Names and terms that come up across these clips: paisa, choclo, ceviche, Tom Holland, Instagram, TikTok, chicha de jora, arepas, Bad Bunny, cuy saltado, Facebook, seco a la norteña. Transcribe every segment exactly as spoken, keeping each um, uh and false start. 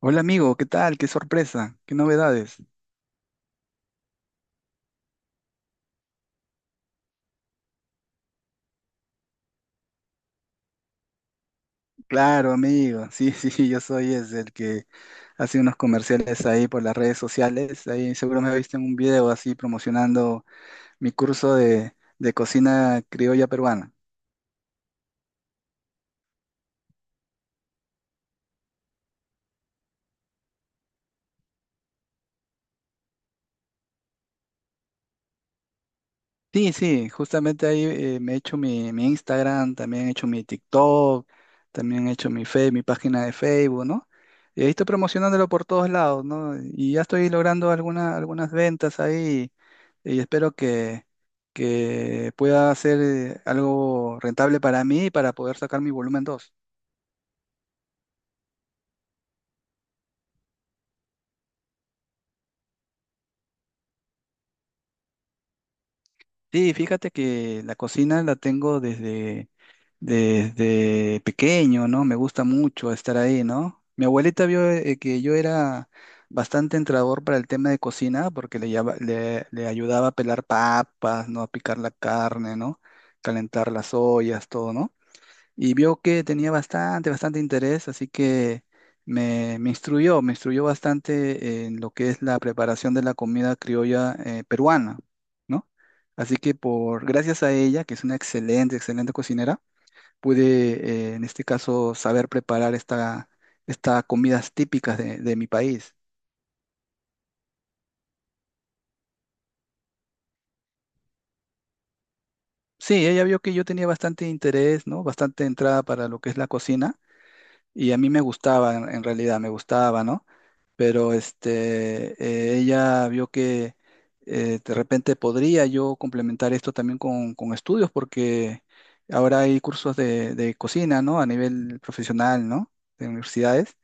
Hola amigo, ¿qué tal? ¿Qué sorpresa? ¿Qué novedades? Claro, amigo. Sí, sí, yo soy es el que hace unos comerciales ahí por las redes sociales. Ahí seguro me viste en un video así promocionando mi curso de, de cocina criolla peruana. Sí, sí, justamente ahí eh, me he hecho mi, mi Instagram, también he hecho mi TikTok, también he hecho mi Fe- mi página de Facebook, ¿no? Y ahí estoy promocionándolo por todos lados, ¿no? Y ya estoy logrando alguna- algunas ventas ahí y espero que, que pueda ser eh, algo rentable para mí y para poder sacar mi volumen dos. Sí, fíjate que la cocina la tengo desde desde pequeño, ¿no? Me gusta mucho estar ahí, ¿no? Mi abuelita vio eh, que yo era bastante entrador para el tema de cocina porque le, lleva- le, le ayudaba a pelar papas, ¿no? A picar la carne, ¿no? Calentar las ollas, todo, ¿no? Y vio que tenía bastante, bastante interés, así que me, me instruyó, me instruyó bastante en lo que es la preparación de la comida criolla eh, peruana, ¿no? Así que por, gracias a ella, que es una excelente, excelente cocinera, pude, eh, en este caso, saber preparar esta, estas comidas típicas de, de mi país. Sí, ella vio que yo tenía bastante interés, ¿no? Bastante entrada para lo que es la cocina y a mí me gustaba, en en realidad, me gustaba, ¿no? Pero este, eh, ella vio que eh, de repente podría yo complementar esto también con, con estudios, porque ahora hay cursos de, de cocina, ¿no? A nivel profesional, ¿no? De universidades,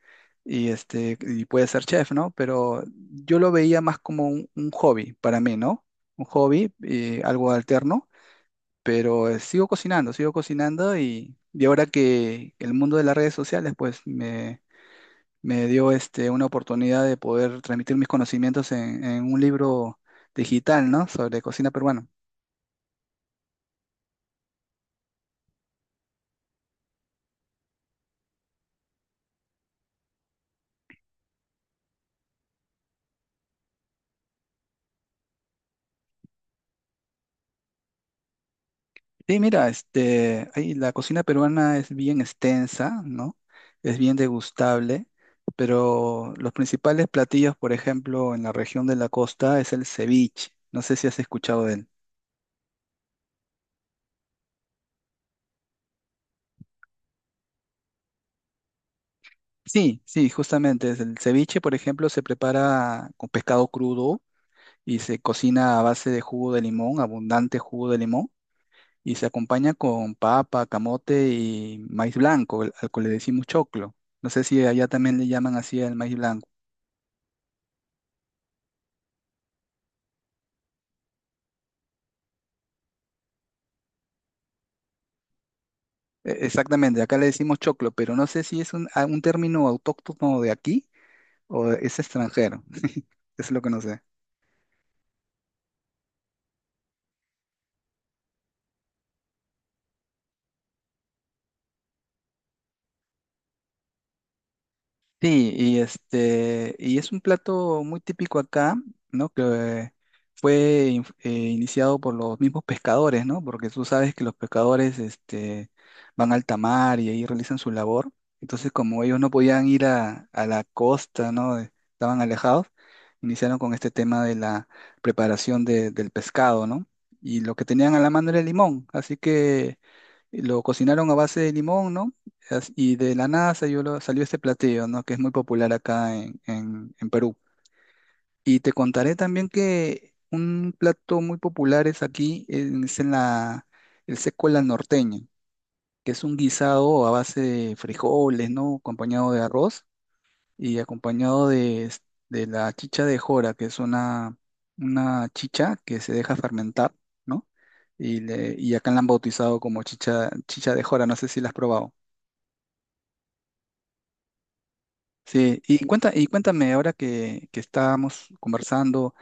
y este, y puede ser chef, ¿no? Pero yo lo veía más como un, un hobby para mí, ¿no? Un hobby, eh, algo alterno. Pero eh, sigo cocinando, sigo cocinando y, y ahora que el mundo de las redes sociales, pues me me dio este, una oportunidad de poder transmitir mis conocimientos en, en un libro digital, ¿no? Sobre cocina peruana. Sí, mira, este, ahí la cocina peruana es bien extensa, ¿no? Es bien degustable, pero los principales platillos, por ejemplo, en la región de la costa es el ceviche. No sé si has escuchado de él. Sí, sí, justamente. Es el ceviche, por ejemplo. Se prepara con pescado crudo y se cocina a base de jugo de limón, abundante jugo de limón, y se acompaña con papa, camote y maíz blanco, el- al que le decimos choclo. No sé si allá también le llaman así al maíz blanco. E- Exactamente, acá le decimos choclo, pero no sé si es un, a- un término autóctono de aquí o es extranjero. Es lo que no sé. Sí, y este, y es un plato muy típico acá, ¿no? Que fue in- eh, iniciado por los mismos pescadores, ¿no? Porque tú sabes que los pescadores, este, van al tamar y ahí realizan su labor. Entonces, como ellos no podían ir a, a la costa, ¿no? de- Estaban alejados, iniciaron con este tema de la preparación de- del pescado, ¿no? Y lo que tenían a la mano era el limón, así que lo cocinaron a base de limón, ¿no? As- Y de la nada salió, lo- salió este platillo, ¿no? Que es muy popular acá en, en- en Perú. Y te contaré también que un plato muy popular es aquí, en- es en la, el seco a la norteña, que es un guisado a base de frijoles, ¿no? Acompañado de arroz y acompañado de, es- de la chicha de jora, que es una, una chicha que se deja fermentar, ¿no? Y, le- y acá la han bautizado como chicha, chicha de jora. No sé si la has probado. Sí. Y cuenta, y cuéntame ahora que, que estábamos conversando,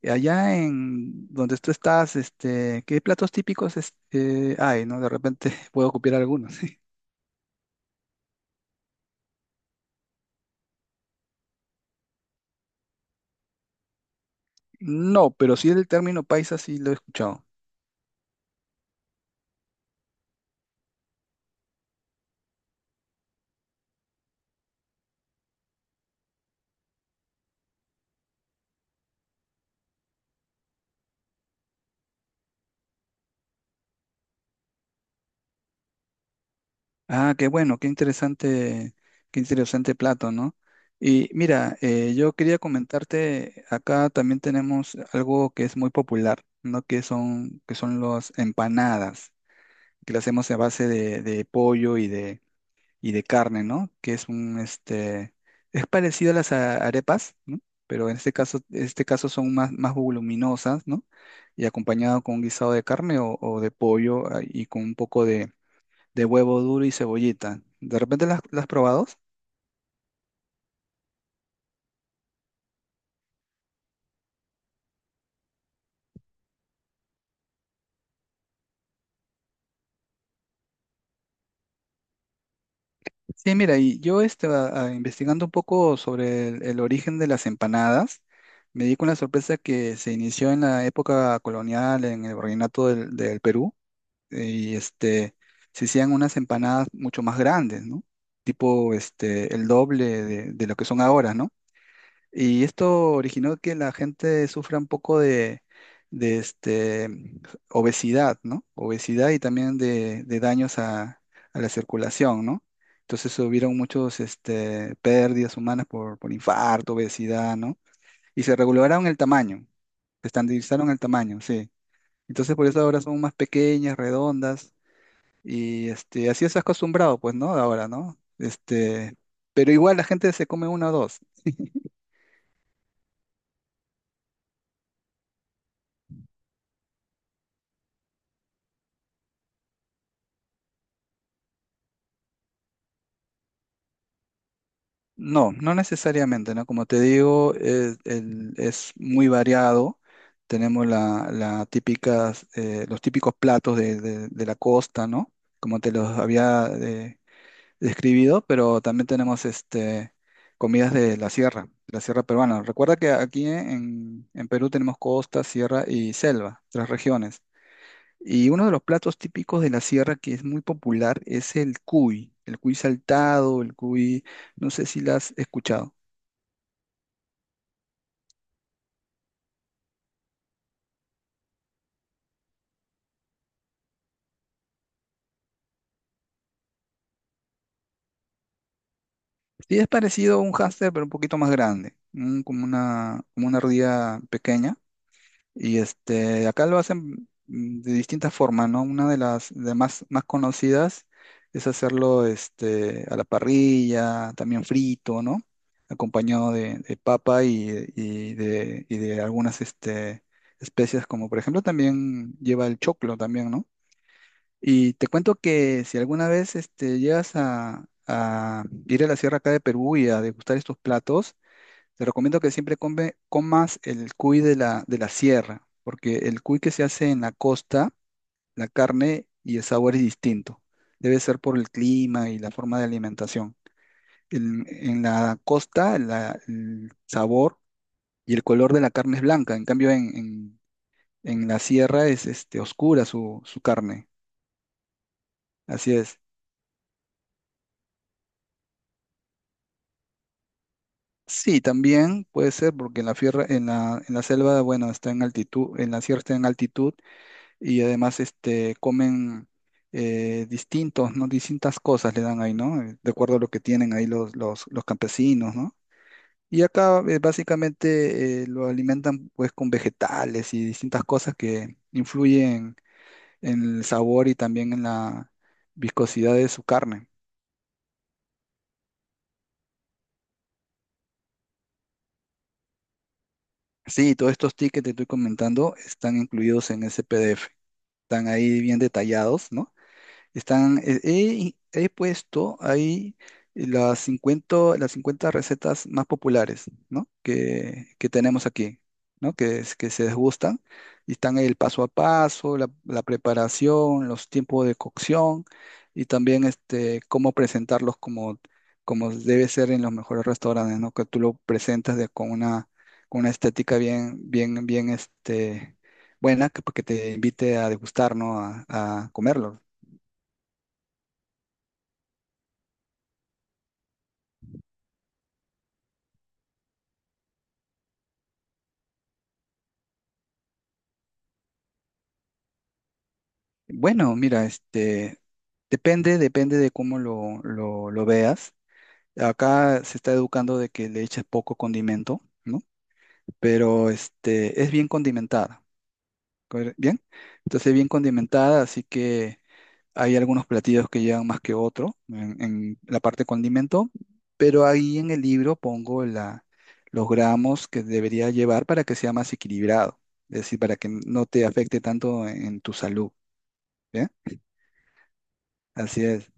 eh, allá en donde tú estás, este, ¿qué platos típicos este, hay, no? De repente puedo copiar algunos. No, pero sí el término paisa sí lo he escuchado. Ah, qué bueno, qué interesante, qué interesante plato, ¿no? Y mira, eh, yo quería comentarte, acá también tenemos algo que es muy popular, ¿no? Que son, que son las empanadas, que las hacemos a base de, de pollo y de y de carne, ¿no? Que es un, este, es parecido a las a- arepas, ¿no? Pero en este caso, en este caso son más, más voluminosas, ¿no? Y acompañado con un guisado de carne o, o de pollo, ah, y con un poco de, de huevo duro y cebollita. ¿De repente las, las has probado? Sí, mira, y yo este, a- a- investigando un poco sobre el, el origen de las empanadas, me di con la sorpresa que se inició en la época colonial, en el virreinato del del Perú, y este, se hacían unas empanadas mucho más grandes, ¿no? Tipo este, el doble de, de lo que son ahora, ¿no? Y esto originó que la gente sufra un poco de, de este, obesidad, ¿no? Obesidad y también de, de daños a, a la circulación, ¿no? Entonces hubieron muchos este, pérdidas humanas por, por infarto, obesidad, ¿no? Y se regularon el tamaño, se estandarizaron el tamaño, sí. Entonces por eso ahora son más pequeñas, redondas, y este, así es acostumbrado, pues, ¿no? Ahora, ¿no? Este, pero igual la gente se come una o dos. No, no necesariamente, ¿no? Como te digo, es, el- es muy variado. Tenemos la, la típicas, eh, los típicos platos de, de- de la costa, ¿no? Como te los había eh, describido, pero también tenemos este, comidas de la sierra, de la sierra peruana. Recuerda que aquí en, en Perú tenemos costa, sierra y selva, tres regiones. Y uno de los platos típicos de la sierra que es muy popular es el cuy, el cuy saltado, el cuy, no sé si lo has escuchado. Sí, es parecido a un hámster, pero un poquito más grande, un- como una, como una ardilla pequeña. Y este, acá lo hacen mm, de distintas formas, ¿no? Una de las de más, más conocidas es hacerlo este, a la parrilla, también frito, ¿no? Acompañado de, de papa y, y de, y de algunas este, especias, como por ejemplo también lleva el choclo también, ¿no? Y te cuento que si alguna vez este, llegas a, a ir a la sierra acá de Perú y a degustar estos platos, te recomiendo que siempre come- comas el cuy de la, de la sierra, porque el cuy que se hace en la costa, la carne y el sabor es distinto. Debe ser por el clima y la forma de alimentación. En, en la costa, la- el sabor y el color de la carne es blanca, en cambio en, en- en la sierra es este, oscura su, su carne. Así es. Sí, también puede ser porque en la, fierra, en la, en la selva, bueno, está en altitud, en la sierra está en altitud, y además este, comen eh, distintos, ¿no? Distintas cosas le dan ahí, ¿no? Eh, De acuerdo a lo que tienen ahí los, los, los campesinos, ¿no? Y acá eh, básicamente eh, lo alimentan pues con vegetales y distintas cosas que influyen en el sabor y también en la viscosidad de su carne. Sí, todos estos tickets que te estoy comentando están incluidos en ese P D F. Están ahí bien detallados, ¿no? Están, eh, he, he puesto ahí las cincuenta las cincuenta recetas más populares, ¿no? Que, que tenemos aquí, ¿no? Que, es- que se gustan. Y están el paso a paso, la, la preparación, los tiempos de cocción, y también este, cómo presentarlos como, como debe ser en los mejores restaurantes, ¿no? Que tú lo presentas de, con una, con una estética bien, bien, bien, este, buena, que, pues, que te invite a degustar, ¿no? A, a comerlos. Bueno, mira, este depende, depende de cómo lo, lo, lo veas. Acá se está educando de que le eches poco condimento, ¿no? Pero este es bien condimentada, ¿corre- ¿bien? Entonces bien condimentada, así que hay algunos platillos que llevan más que otro en, en la parte condimento, pero ahí en el libro pongo la, los gramos que debería llevar para que sea más equilibrado, es decir, para que no te afecte tanto en tu salud, ¿bien? Así es.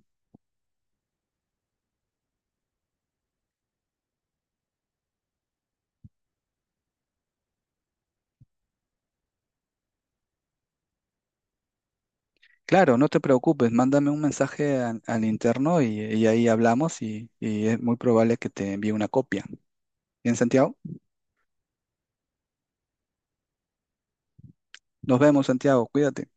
Claro, no te preocupes, mándame un mensaje al, al interno y, y ahí hablamos y, y es muy probable que te envíe una copia. Bien, Santiago, nos vemos, Santiago, cuídate.